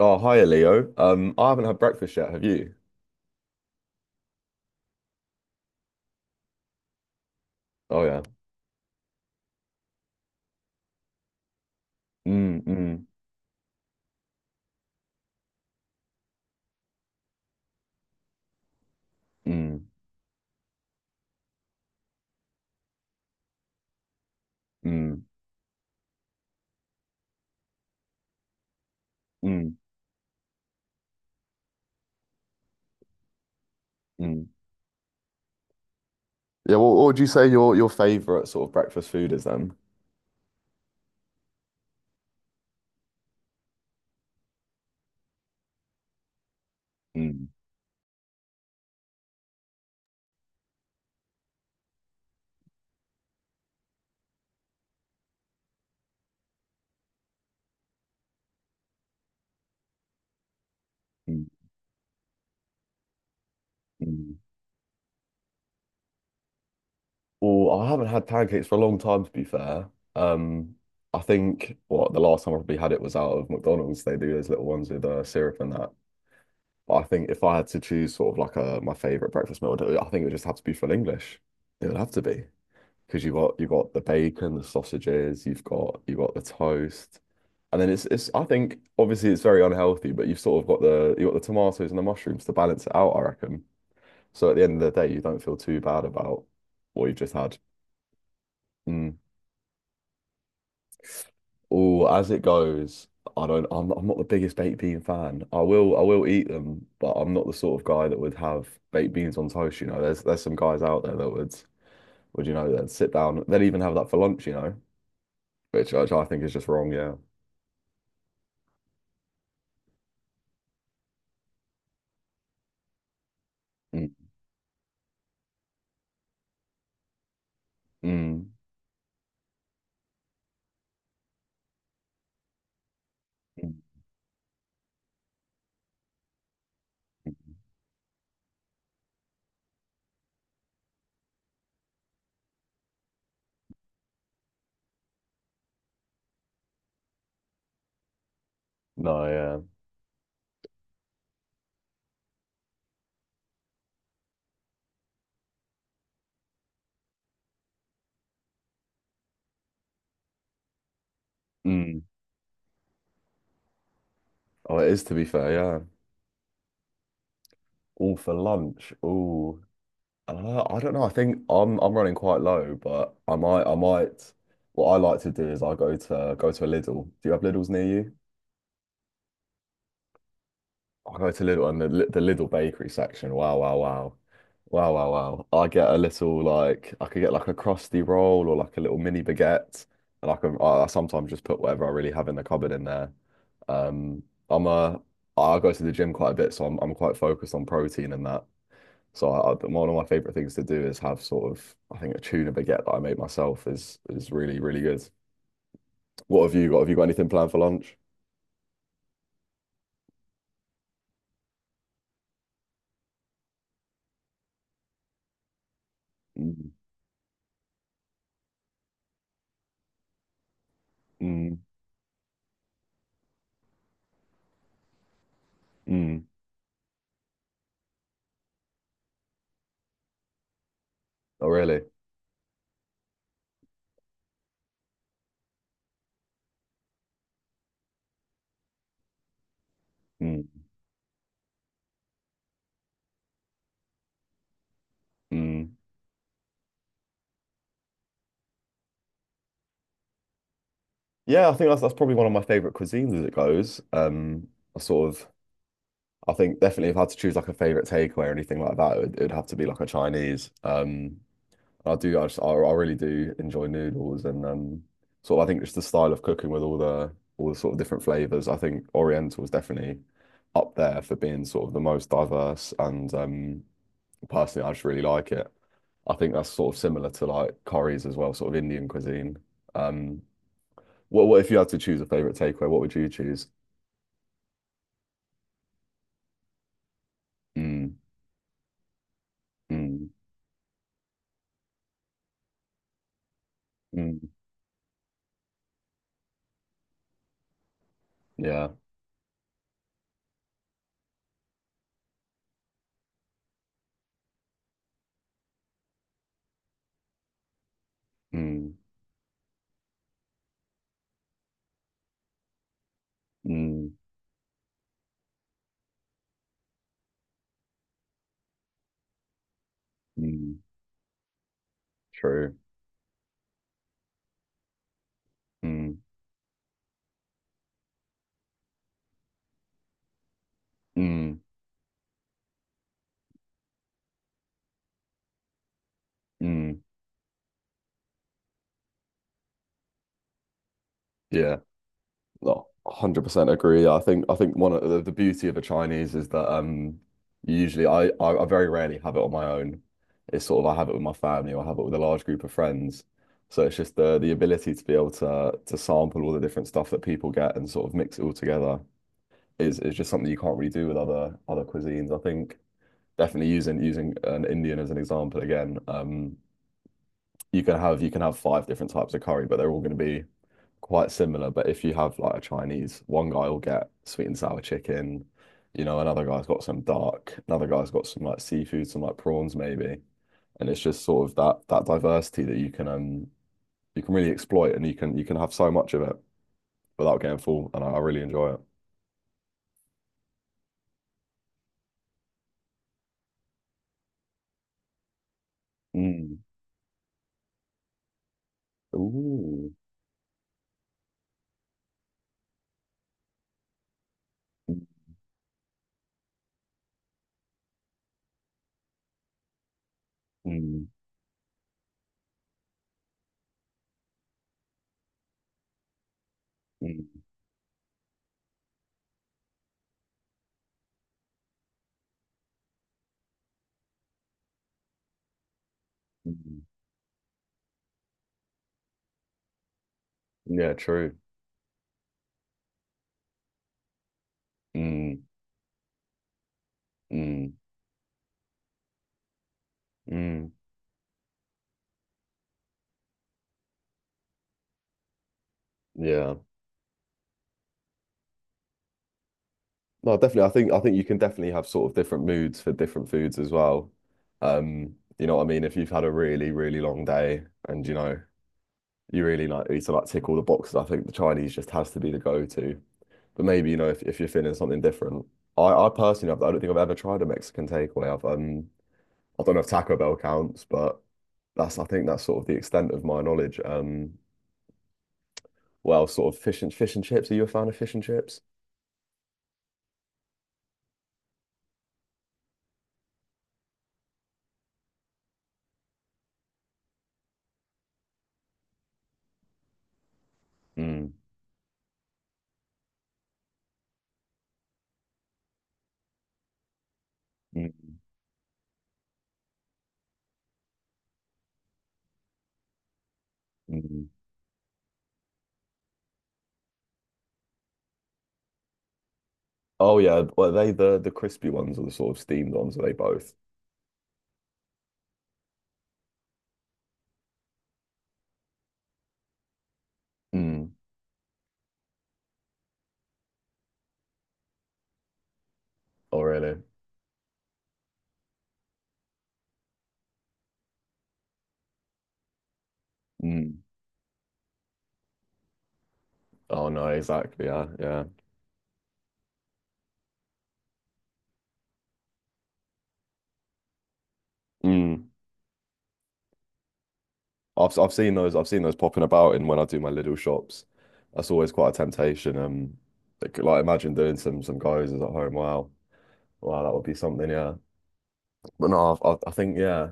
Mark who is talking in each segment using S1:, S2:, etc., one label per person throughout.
S1: Oh, hiya, Leo. I haven't had breakfast yet, have you? Oh yeah. Mm, mm, mm, mm, mm, mm. Yeah, well, what would you say your favorite sort of breakfast food is then? Mm, mm, mm. Well, I haven't had pancakes for a long time, to be fair. Um, I think what the last time I probably had it was out of McDonald's. They do those little ones with syrup and that. But I think if I had to choose sort of like a my favorite breakfast meal, I think it would just have to be full English. It would have to be, because you've got the bacon, the sausages, you've got the toast, and then it's I think obviously it's very unhealthy, but you've sort of got the you've got the tomatoes and the mushrooms to balance it out, I reckon. So at the end of the day, you don't feel too bad about what you've just had. Mm. Oh, as it goes, I'm not the biggest baked bean fan. I will eat them, but I'm not the sort of guy that would have baked beans on toast. There's some guys out there that that sit down, they'd even have that for lunch, which I think is just wrong, yeah. Mm. Mm, mm. No, yeah. Mm. Oh, it is to be fair, yeah. All for lunch. Ooh. I don't know. I think I'm running quite low, but I might what I like to do is I go to a Lidl. Do you have Lidls near you? I go to Lidl and the Lidl bakery section. Wow, wow, wow. Wow, wow, wow. I get a little like I could get like a crusty roll or like a little mini baguette. And I can I sometimes just put whatever I really have in the cupboard in there. Um I'm a I go to the gym quite a bit, so I'm quite focused on protein and that. So one of my favorite things to do is have sort of I think a tuna baguette that I make myself is really, really good. What have you got? Have you got anything planned for lunch? Mm, mm, mm. Oh really? Mm, mm. Yeah, I think that's probably one of my favorite cuisines as it goes. I sort of, I think definitely if I had to choose like a favorite takeaway or anything like that, it'd have to be like a Chinese. I do, I, just, I really do enjoy noodles and sort of I think just the style of cooking with all the sort of different flavors. I think Oriental is definitely up there for being sort of the most diverse and personally, I just really like it. I think that's sort of similar to like curries as well, sort of Indian cuisine. Um, what if you had to choose a favorite takeaway? What would you choose? Mm, mm, mm, yeah. Mm, mm, mm, true. Mm, mm, mm, yeah. No, 100% agree. I think one of the beauty of a Chinese is that usually I very rarely have it on my own. It's sort of I have it with my family or I have it with a large group of friends. So it's just the ability to be able to sample all the different stuff that people get and sort of mix it all together is just something you can't really do with other cuisines. I think definitely using an Indian as an example again, you can have five different types of curry, but they're all going to be quite similar. But if you have like a Chinese, one guy will get sweet and sour chicken, another guy's got some dark, another guy's got some like seafood, some like prawns maybe, and it's just sort of that diversity that you can really exploit and you can have so much of it without getting full, and I really enjoy it. Mm. Ooh. Mm. Mm, mm. Mm. Yeah, true. Mm, mm, mm. Yeah. No, definitely. I think you can definitely have sort of different moods for different foods as well. You know what I mean? If you've had a really, really long day and you really like need to like tick all the boxes, I think the Chinese just has to be the go-to. But maybe, if you're feeling something different. I personally I don't think I've ever tried a Mexican takeaway. I don't know if Taco Bell counts, but that's I think that's sort of the extent of my knowledge. Well, sort of fish and chips. Are you a fan of fish and chips? Mm, mm, mm. Oh yeah, well, are they the crispy ones or the sort of steamed ones? Are they both? Mm. Oh really? Mm. Oh no, exactly. Yeah, yeah. Mm. I've seen those. I've seen those popping about, and when I do my little shops, that's always quite a temptation. Like, imagine doing some guys at home. Wow, wow, that would be something. Yeah, but no, I think yeah.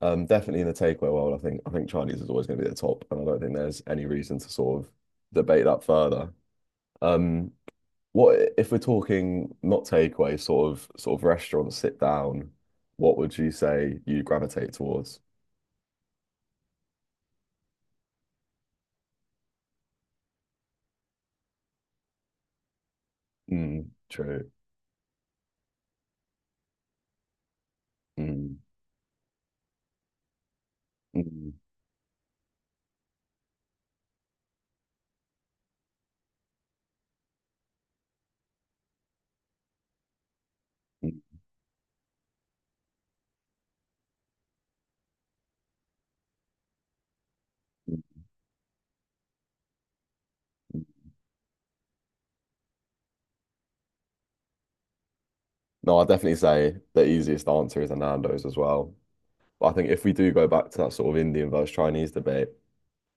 S1: Definitely in the takeaway world, I think Chinese is always going to be at the top, and I don't think there's any reason to sort of debate that further. Um, what if we're talking not takeaway, sort of restaurant sit down? What would you say you gravitate towards? Mm, true. Mm, mm, mm, mm. No, I definitely say the easiest answer is a Nando's as well. But I think if we do go back to that sort of Indian versus Chinese debate,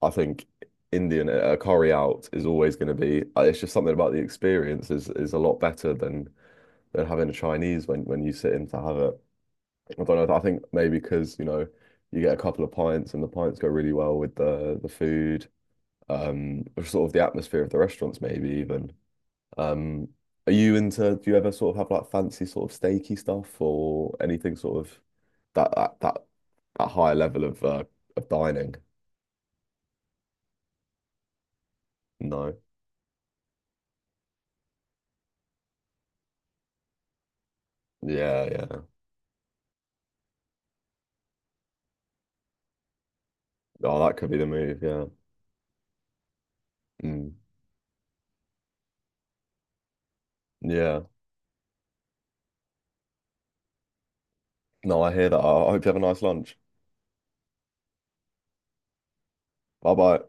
S1: I think Indian at a curry out is always going to be. It's just something about the experience is a lot better than having a Chinese when you sit in to have it. I don't know. I think maybe because you get a couple of pints and the pints go really well with the food, or sort of the atmosphere of the restaurants maybe even. Um, are you into? Do you ever sort of have like fancy sort of steaky stuff or anything sort of that that that, that higher level of dining? No. Yeah, yeah. Oh, that could be the move. Yeah. Mm. Yeah. No, I hear that. I hope you have a nice lunch. Bye bye.